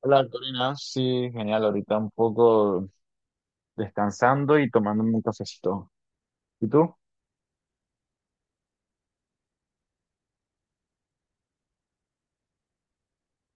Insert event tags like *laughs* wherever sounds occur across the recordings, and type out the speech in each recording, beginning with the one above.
Hola, Corina. Sí, genial. Ahorita un poco descansando y tomándome un cafecito. ¿Y tú?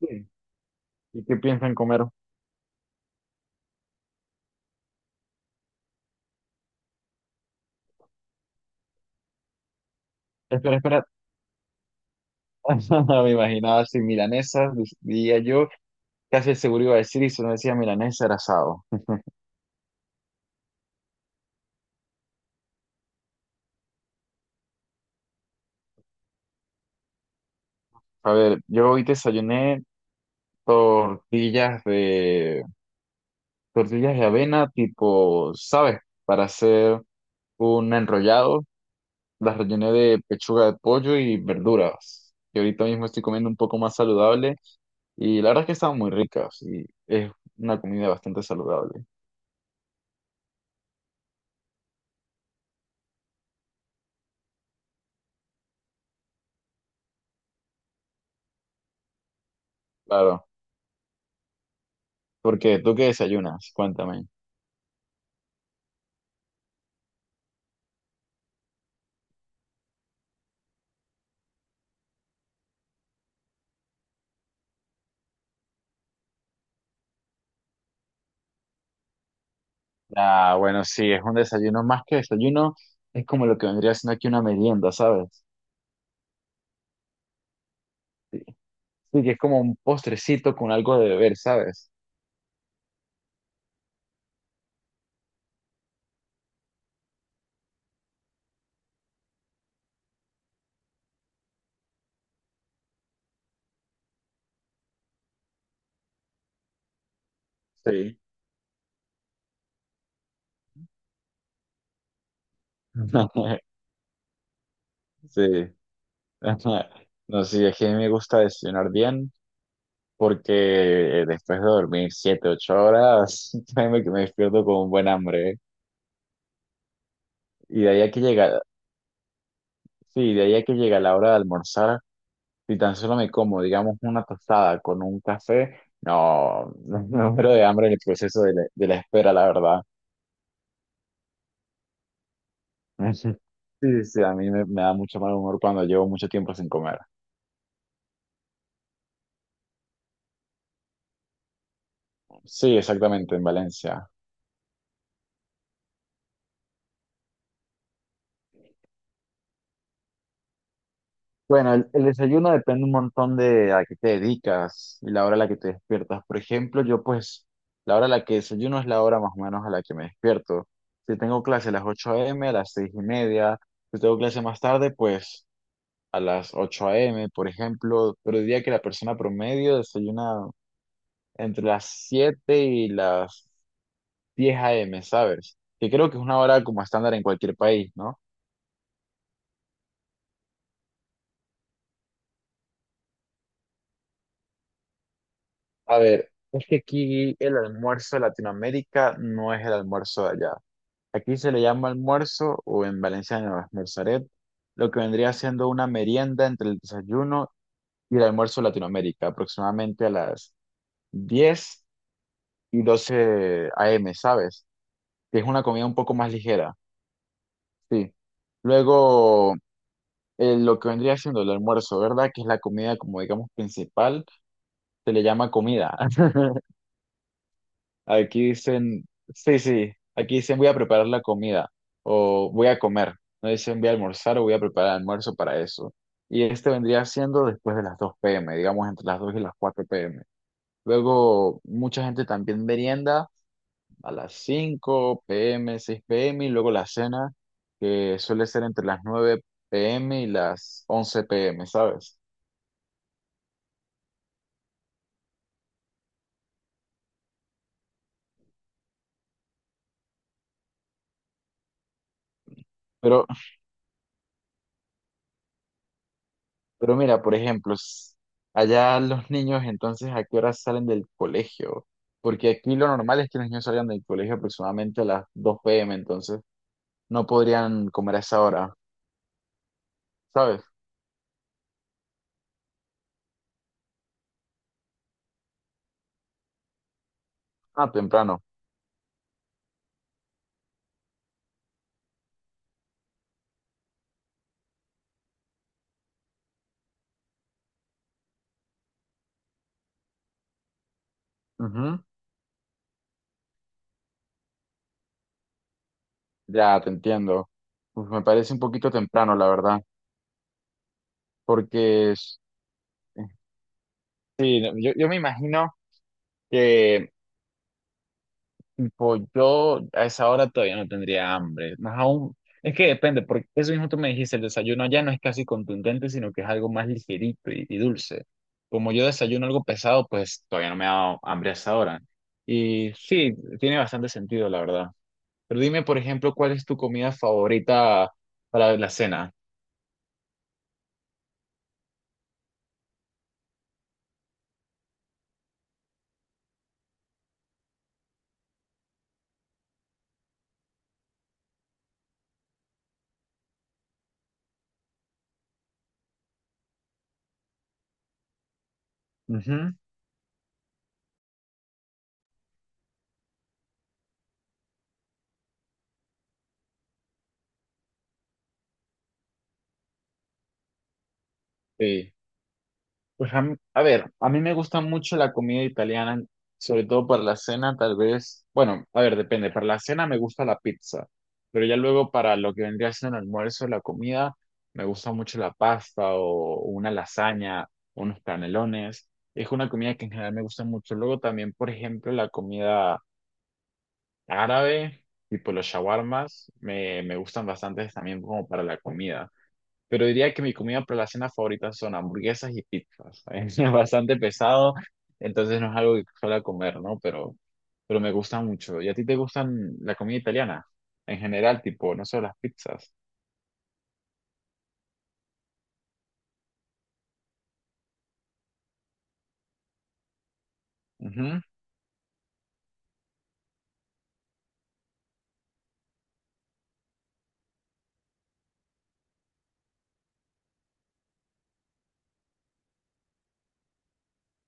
Sí. ¿Y qué piensan comer? Espera, espera. *laughs* Me imaginaba así milanesas, diría yo. Casi seguro iba a decir, y si no decía milanesa era asado. A ver, yo hoy desayuné tortillas de tortillas de avena tipo, ¿sabes? Para hacer un enrollado. Las rellené de pechuga de pollo y verduras. Y ahorita mismo estoy comiendo un poco más saludable. Y la verdad es que estaban muy ricas y es una comida bastante saludable. Claro, porque tú qué desayunas, cuéntame. Ah, bueno, sí, es un desayuno más que desayuno, es como lo que vendría siendo aquí una merienda, ¿sabes? Sí, que es como un postrecito con algo de beber, ¿sabes? Sí. *laughs* Sí. *laughs* No, sí, es que a mí me gusta desayunar bien porque después de dormir siete, ocho horas, *laughs* créeme que me despierto con un buen hambre, ¿eh? Y de ahí a que llega, sí, de ahí a que llega la hora de almorzar. Si tan solo me como, digamos, una tostada con un café, no, *laughs* me muero de hambre en el proceso de la espera, la verdad. *laughs* Sí, sí, a mí me da mucho mal humor cuando llevo mucho tiempo sin comer. Sí, exactamente, en Valencia. Bueno, el desayuno depende un montón de a qué te dedicas y la hora a la que te despiertas. Por ejemplo, yo pues, la hora a la que desayuno es la hora más o menos a la que me despierto. Si tengo clase a las 8 m, a las 6 y media, si tengo clase más tarde, pues... a las ocho a m, por ejemplo, pero diría que la persona promedio desayuna entre las 7 y las diez a m, ¿sabes? Que creo que es una hora como estándar en cualquier país, ¿no? A ver, es que aquí el almuerzo de Latinoamérica no es el almuerzo de allá. Aquí se le llama almuerzo, o en valenciano almorzaret, lo que vendría siendo una merienda entre el desayuno y el almuerzo de Latinoamérica, aproximadamente a las 10 y doce a m, ¿sabes? Que es una comida un poco más ligera, sí. Luego, lo que vendría siendo el almuerzo, ¿verdad? Que es la comida, como digamos, principal, se le llama comida. *laughs* Aquí dicen, sí, sí, aquí dicen voy a preparar la comida o voy a comer. No dicen voy a almorzar o voy a preparar almuerzo para eso. Y este vendría siendo después de las 2 p.m., digamos, entre las 2 y las 4 p.m. Luego, mucha gente también merienda a las 5 p.m., 6 p.m. y luego la cena, que suele ser entre las 9 p.m. y las 11 p.m., ¿sabes? Pero, pero mira, por ejemplo, allá los niños entonces, ¿a qué hora salen del colegio? Porque aquí lo normal es que los niños salgan del colegio aproximadamente a las 2 p.m., entonces no podrían comer a esa hora, ¿sabes? Ah, temprano. Ujú. Ya, te entiendo. Pues me parece un poquito temprano, la verdad, porque... eh, sí, no, yo me imagino que pues yo a esa hora todavía no tendría hambre. Más aún, es que depende, porque eso mismo tú me dijiste, el desayuno ya no es casi contundente, sino que es algo más ligerito y dulce. Como yo desayuno algo pesado, pues todavía no me ha dado hambre a esa hora. Y sí, tiene bastante sentido, la verdad. Pero dime, por ejemplo, ¿cuál es tu comida favorita para la cena? Ujú. Sí. Pues a ver, a mí me gusta mucho la comida italiana, sobre todo para la cena, tal vez, bueno, a ver, depende, para la cena me gusta la pizza, pero ya luego para lo que vendría siendo el almuerzo, la comida, me gusta mucho la pasta o una lasaña, unos canelones, es una comida que en general me gusta mucho. Luego también, por ejemplo, la comida árabe, tipo los shawarmas, me gustan bastante también como para la comida. Pero diría que mi comida para la cena favorita son hamburguesas y pizzas. *laughs* Es bastante pesado, entonces no es algo que suela comer, ¿no? Pero me gusta mucho. ¿Y a ti te gustan la comida italiana? En general, tipo, no solo las pizzas. Ujú.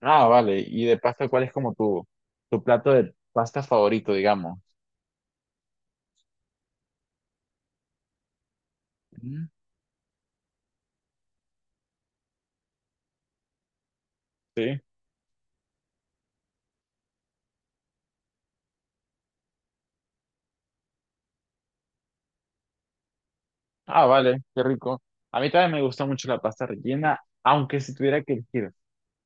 Ah, vale. Y de pasta, ¿cuál es como tu plato de pasta favorito, digamos? Ujú. Sí. Ah, vale, qué rico. A mí también me gusta mucho la pasta rellena, aunque si tuviera que elegir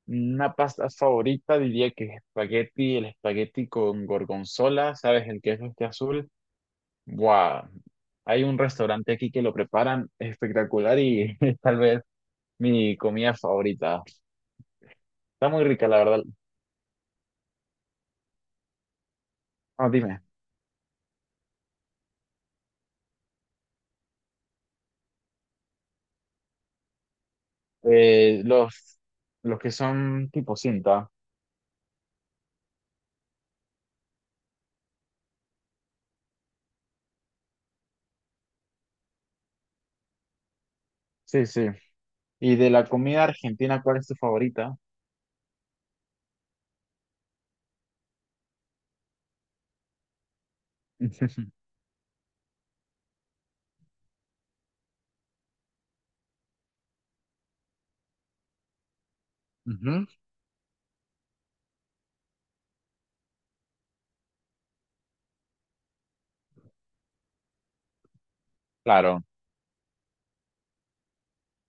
una pasta favorita, diría que es espagueti, el espagueti con gorgonzola, ¿sabes? El queso este azul. ¡Buah! Hay un restaurante aquí que lo preparan espectacular y *laughs* es tal vez mi comida favorita. Está muy rica, la verdad. Ah, dime. Eh, los, los que son tipo cinta. Sí, sí. ¿Y de la comida argentina, cuál es tu favorita? *laughs* Ujú. Claro,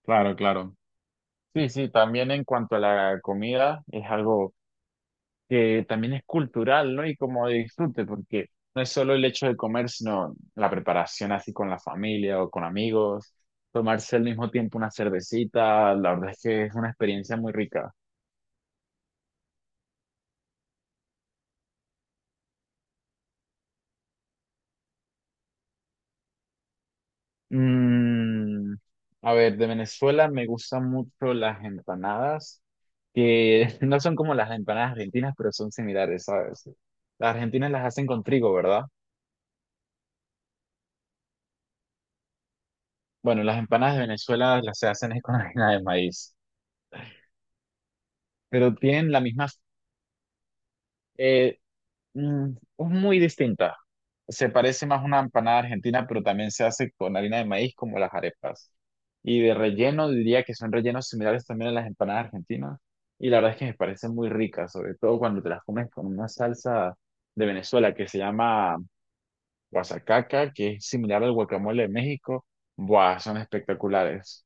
claro, claro. Sí, sí, también en cuanto a la comida, es algo que también es cultural, ¿no? Y como de disfrute, porque no es solo el hecho de comer, sino la preparación así con la familia o con amigos, tomarse al mismo tiempo una cervecita, la verdad es que es una experiencia muy rica. Mm, a ver, de Venezuela me gustan mucho las empanadas, que *laughs* no son como las empanadas argentinas, pero son similares, ¿sabes? Las argentinas las hacen con trigo, ¿verdad? Bueno, las empanadas de Venezuela las se hacen es con *laughs* harina de maíz, pero tienen la misma eh, mm, es muy distinta. Se parece más a una empanada argentina, pero también se hace con harina de maíz como las arepas. Y de relleno diría que son rellenos similares también a las empanadas argentinas. Y la verdad es que me parecen muy ricas, sobre todo cuando te las comes con una salsa de Venezuela que se llama guasacaca, que es similar al guacamole de México. Buah, son espectaculares.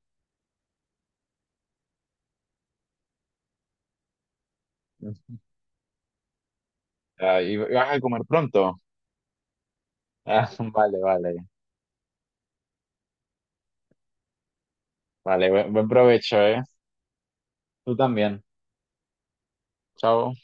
Ah, ¿y vas a comer pronto? Ah, *laughs* vale, vale. Vale, buen provecho, ¿eh? Tú también. Chao.